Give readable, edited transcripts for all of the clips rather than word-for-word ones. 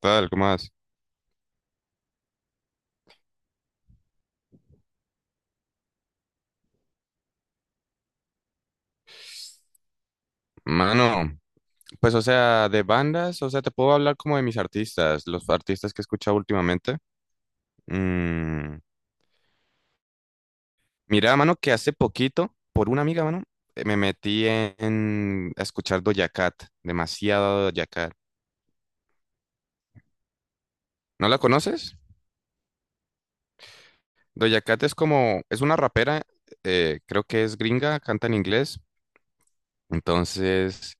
Tal, ¿cómo vas? Mano, pues o sea, de bandas, o sea, te puedo hablar como de mis artistas, los artistas que he escuchado últimamente. Mm, Mira, mano, que hace poquito, por una amiga, mano, me metí en a escuchar Doja Cat, demasiado Doja Cat. ¿No la conoces? Doja Cat es como, es una rapera, creo que es gringa, canta en inglés. Entonces,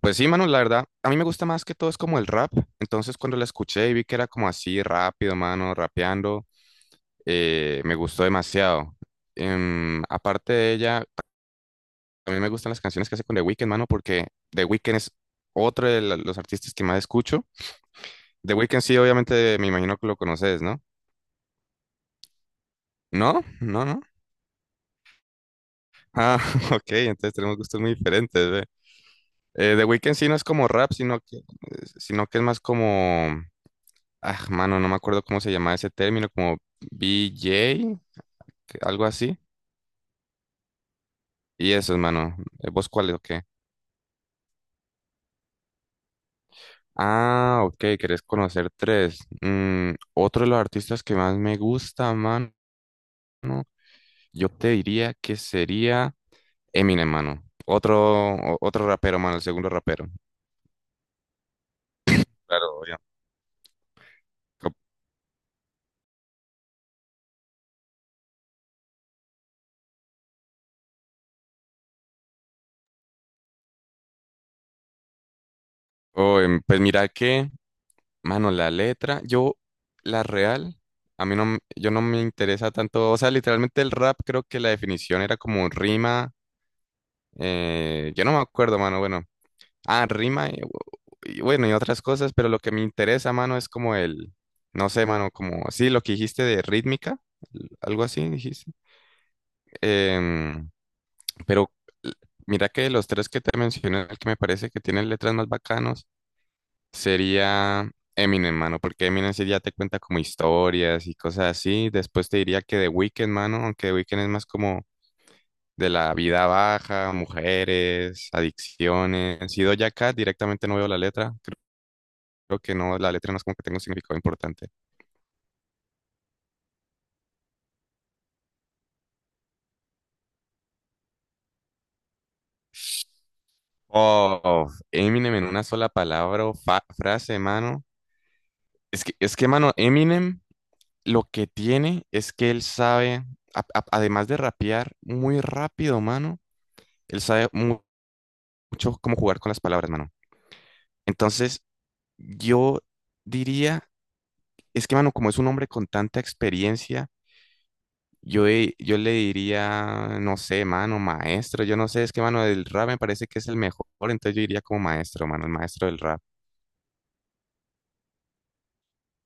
pues sí, mano, la verdad, a mí me gusta más que todo es como el rap. Entonces, cuando la escuché y vi que era como así rápido, mano, rapeando. Me gustó demasiado. Aparte de ella, también me gustan las canciones que hace con The Weeknd, mano, porque The Weeknd es otro los artistas que más escucho. The Weeknd sí, obviamente, me imagino que lo conoces, ¿no? ¿No? ¿No, no? Ah, ok, entonces tenemos gustos muy diferentes, ve. The Weeknd sí no es como rap, sino que es más como. Ah, mano, no me acuerdo cómo se llama ese término, como BJ, algo así. Y eso, mano. ¿Vos cuál es? Ok. Ah, ok, querés conocer tres. Otro de los artistas que más me gusta, man, yo te diría que sería Eminem, mano. Otro rapero, mano, el segundo rapero. Claro, obvio. Co- Oh, pues mira que, mano, la letra, yo, la real, a mí no, yo no me interesa tanto, o sea, literalmente el rap creo que la definición era como rima, yo no me acuerdo, mano, bueno, Ah, rima y bueno, y otras cosas, pero lo que me interesa, mano, es como el, no sé, mano, como, sí, lo que dijiste de rítmica, algo así dijiste. Em, pero l- mira que de los tres que te mencioné, el que me parece que tiene letras más bacanos sería Eminem, mano, porque Eminem sí ya te cuenta como historias y cosas así. Después te diría que The Weeknd, mano, aunque The Weeknd es más como de la vida baja, mujeres, adicciones. Y Doja Cat directamente no veo la letra. Creo que no, la letra no es como que tenga un significado importante. Oh, Eminem en una sola palabra o frase, mano. Es que, mano, Eminem lo que tiene es que él sabe, además de rapear muy rápido, mano, él sabe mucho cómo jugar con las palabras, mano. Entonces, yo diría, es que, mano, como es un hombre con tanta experiencia. Yo le diría, no sé, mano, maestro, yo no sé, es que mano del rap me parece que es el mejor, entonces yo iría como maestro, mano, el maestro del rap.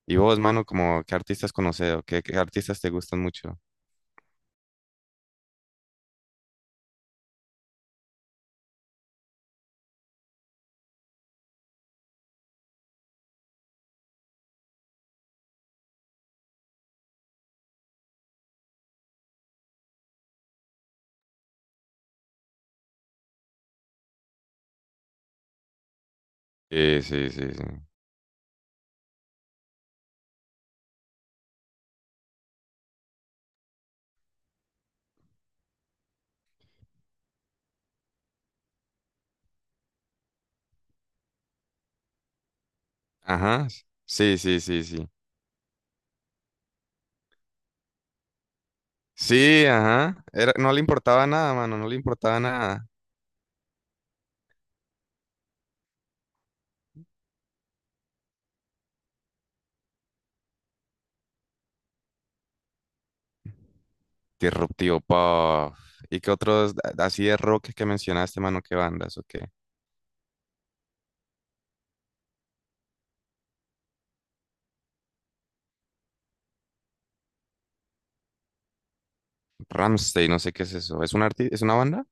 Y vos, mano, como qué artistas conoces o qué artistas te gustan mucho. Sí, sí, sí, sí. Ajá. Sí, sí, sí, sí. Sí, ajá. No le importaba nada, mano, no le importaba nada. Disruptivo Puff. ¿Y qué otros así de rock que mencionaste, mano? ¿Qué bandas o qué? Ramstein, no sé qué es eso. ¿Es una banda?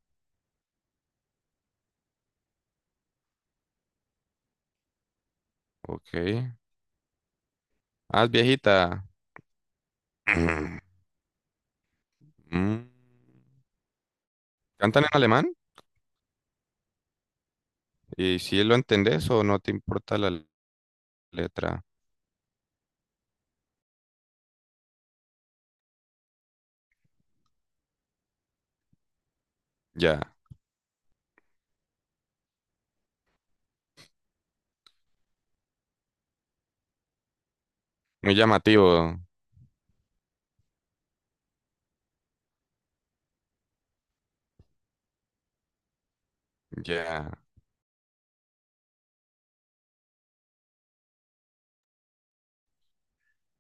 Ok. Ah, es viejita. Ujú. Mm. ¿Cantan en alemán? ¿Y si lo entendés o no te importa la letra? Ya, muy llamativo. Ya.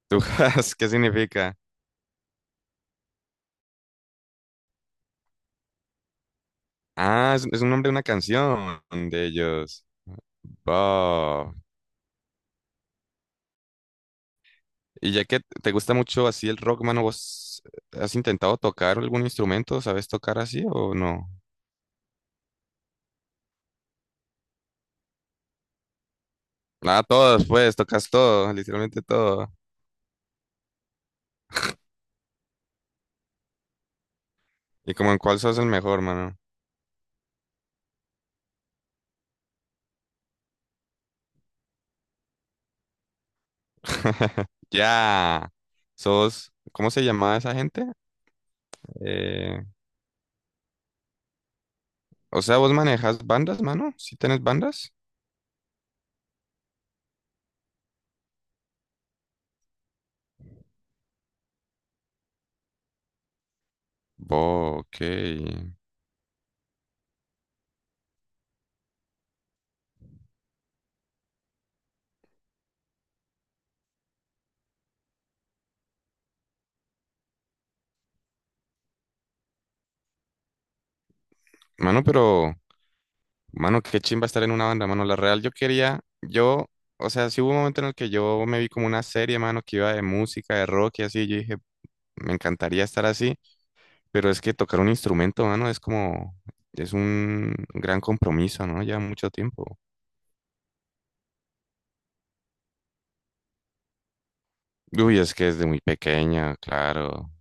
¿Tujas? ¿Qué significa? Ah, es un nombre de una canción de ellos. Wow. Y ya que te gusta mucho así el rock, mano, ¿vos has intentado tocar algún instrumento? ¿Sabes tocar así o no? Ah, todos, pues, tocas todo, literalmente todo. ¿Y como en cuál sos el mejor, mano? Ya. Sos, ¿cómo se llamaba esa gente? Eh, o sea, vos manejas bandas, mano. ¿Sí tenés bandas? Bo, ok. Mano, pero, mano, qué chimba estar en una banda, mano. La real, yo quería, o sea, sí hubo un momento en el que yo me vi como una serie, mano, que iba de música, de rock y así. Yo dije, me encantaría estar así, pero es que tocar un instrumento, mano, es como, es un gran compromiso, ¿no? Lleva mucho tiempo. Uy, es que desde muy pequeña, claro.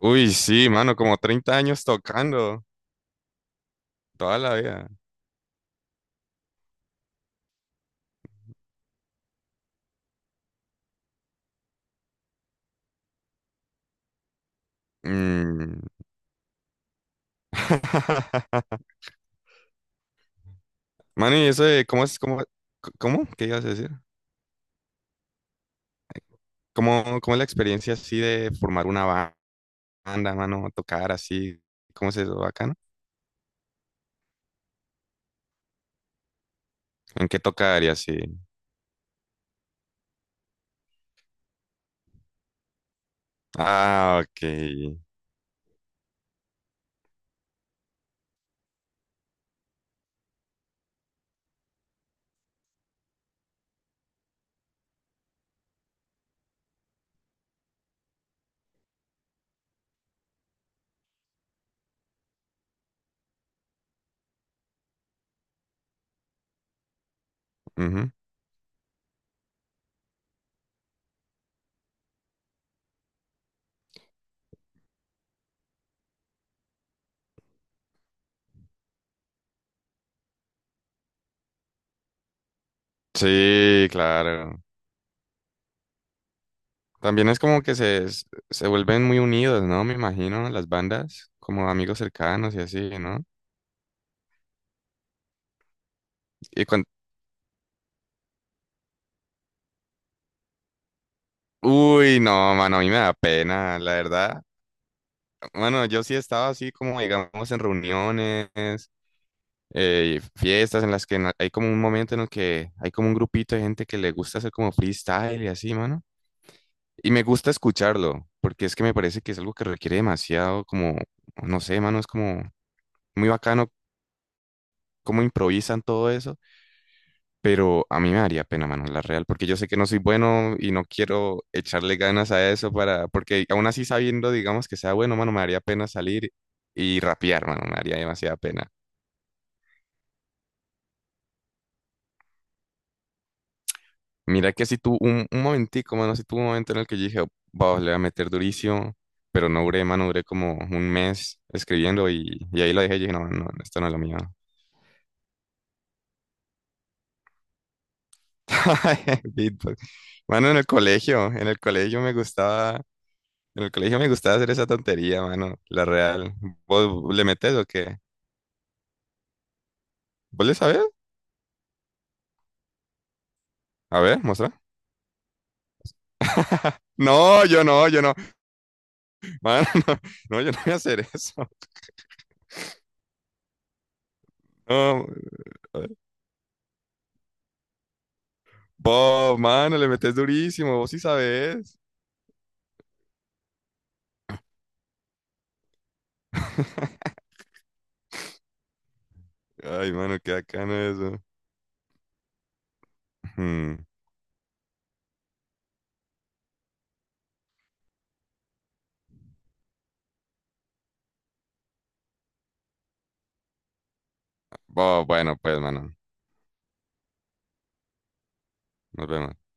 Uy, sí, mano, como 30 años tocando toda la vida. Mm. Mano, y eso de cómo es, ¿qué ibas a decir? ¿Cómo es la experiencia así de formar una banda, mano, tocar así? ¿Cómo es eso, bacano? ¿En qué tocar y así? Ah, ok. Ujú. Sí, claro. También es como que se vuelven muy unidos, ¿no? Me imagino, las bandas, como amigos cercanos y así, ¿no? y Uy, no, mano, a mí me da pena, la verdad. Bueno, yo sí he estado así como, digamos, en reuniones, fiestas en las que hay como un momento en el que hay como un grupito de gente que le gusta hacer como freestyle y así, mano. Y me gusta escucharlo, porque es que me parece que es algo que requiere demasiado, como, no sé, mano, es como muy bacano cómo improvisan todo eso. Pero a mí me daría pena, mano, la real, porque yo sé que no soy bueno y no quiero echarle ganas a eso para, porque aún así sabiendo, digamos, que sea bueno, mano, me daría pena salir y rapear, mano, me daría demasiada pena. Mira que si tuvo un, momentico, mano, si tuvo un momento en el que yo dije, vamos, le voy a meter durísimo, pero no duré, mano, duré como un mes escribiendo y ahí lo dejé y dije, no, no, esto no es lo mío. Beatbox. Mano, en el colegio me gustaba. En el colegio me gustaba hacer esa tontería, mano. La real. ¿Vos le metes o qué? ¿Vos le sabés? A ver, muestra. No, yo no, yo no. Mano, no, no, yo no voy a hacer eso. No, a ver. Vos, mano, le metes durísimo. Vos sí sabés. Ay, mano, qué bacano eso. Hmm. Bueno, pues, mano, nos vemos.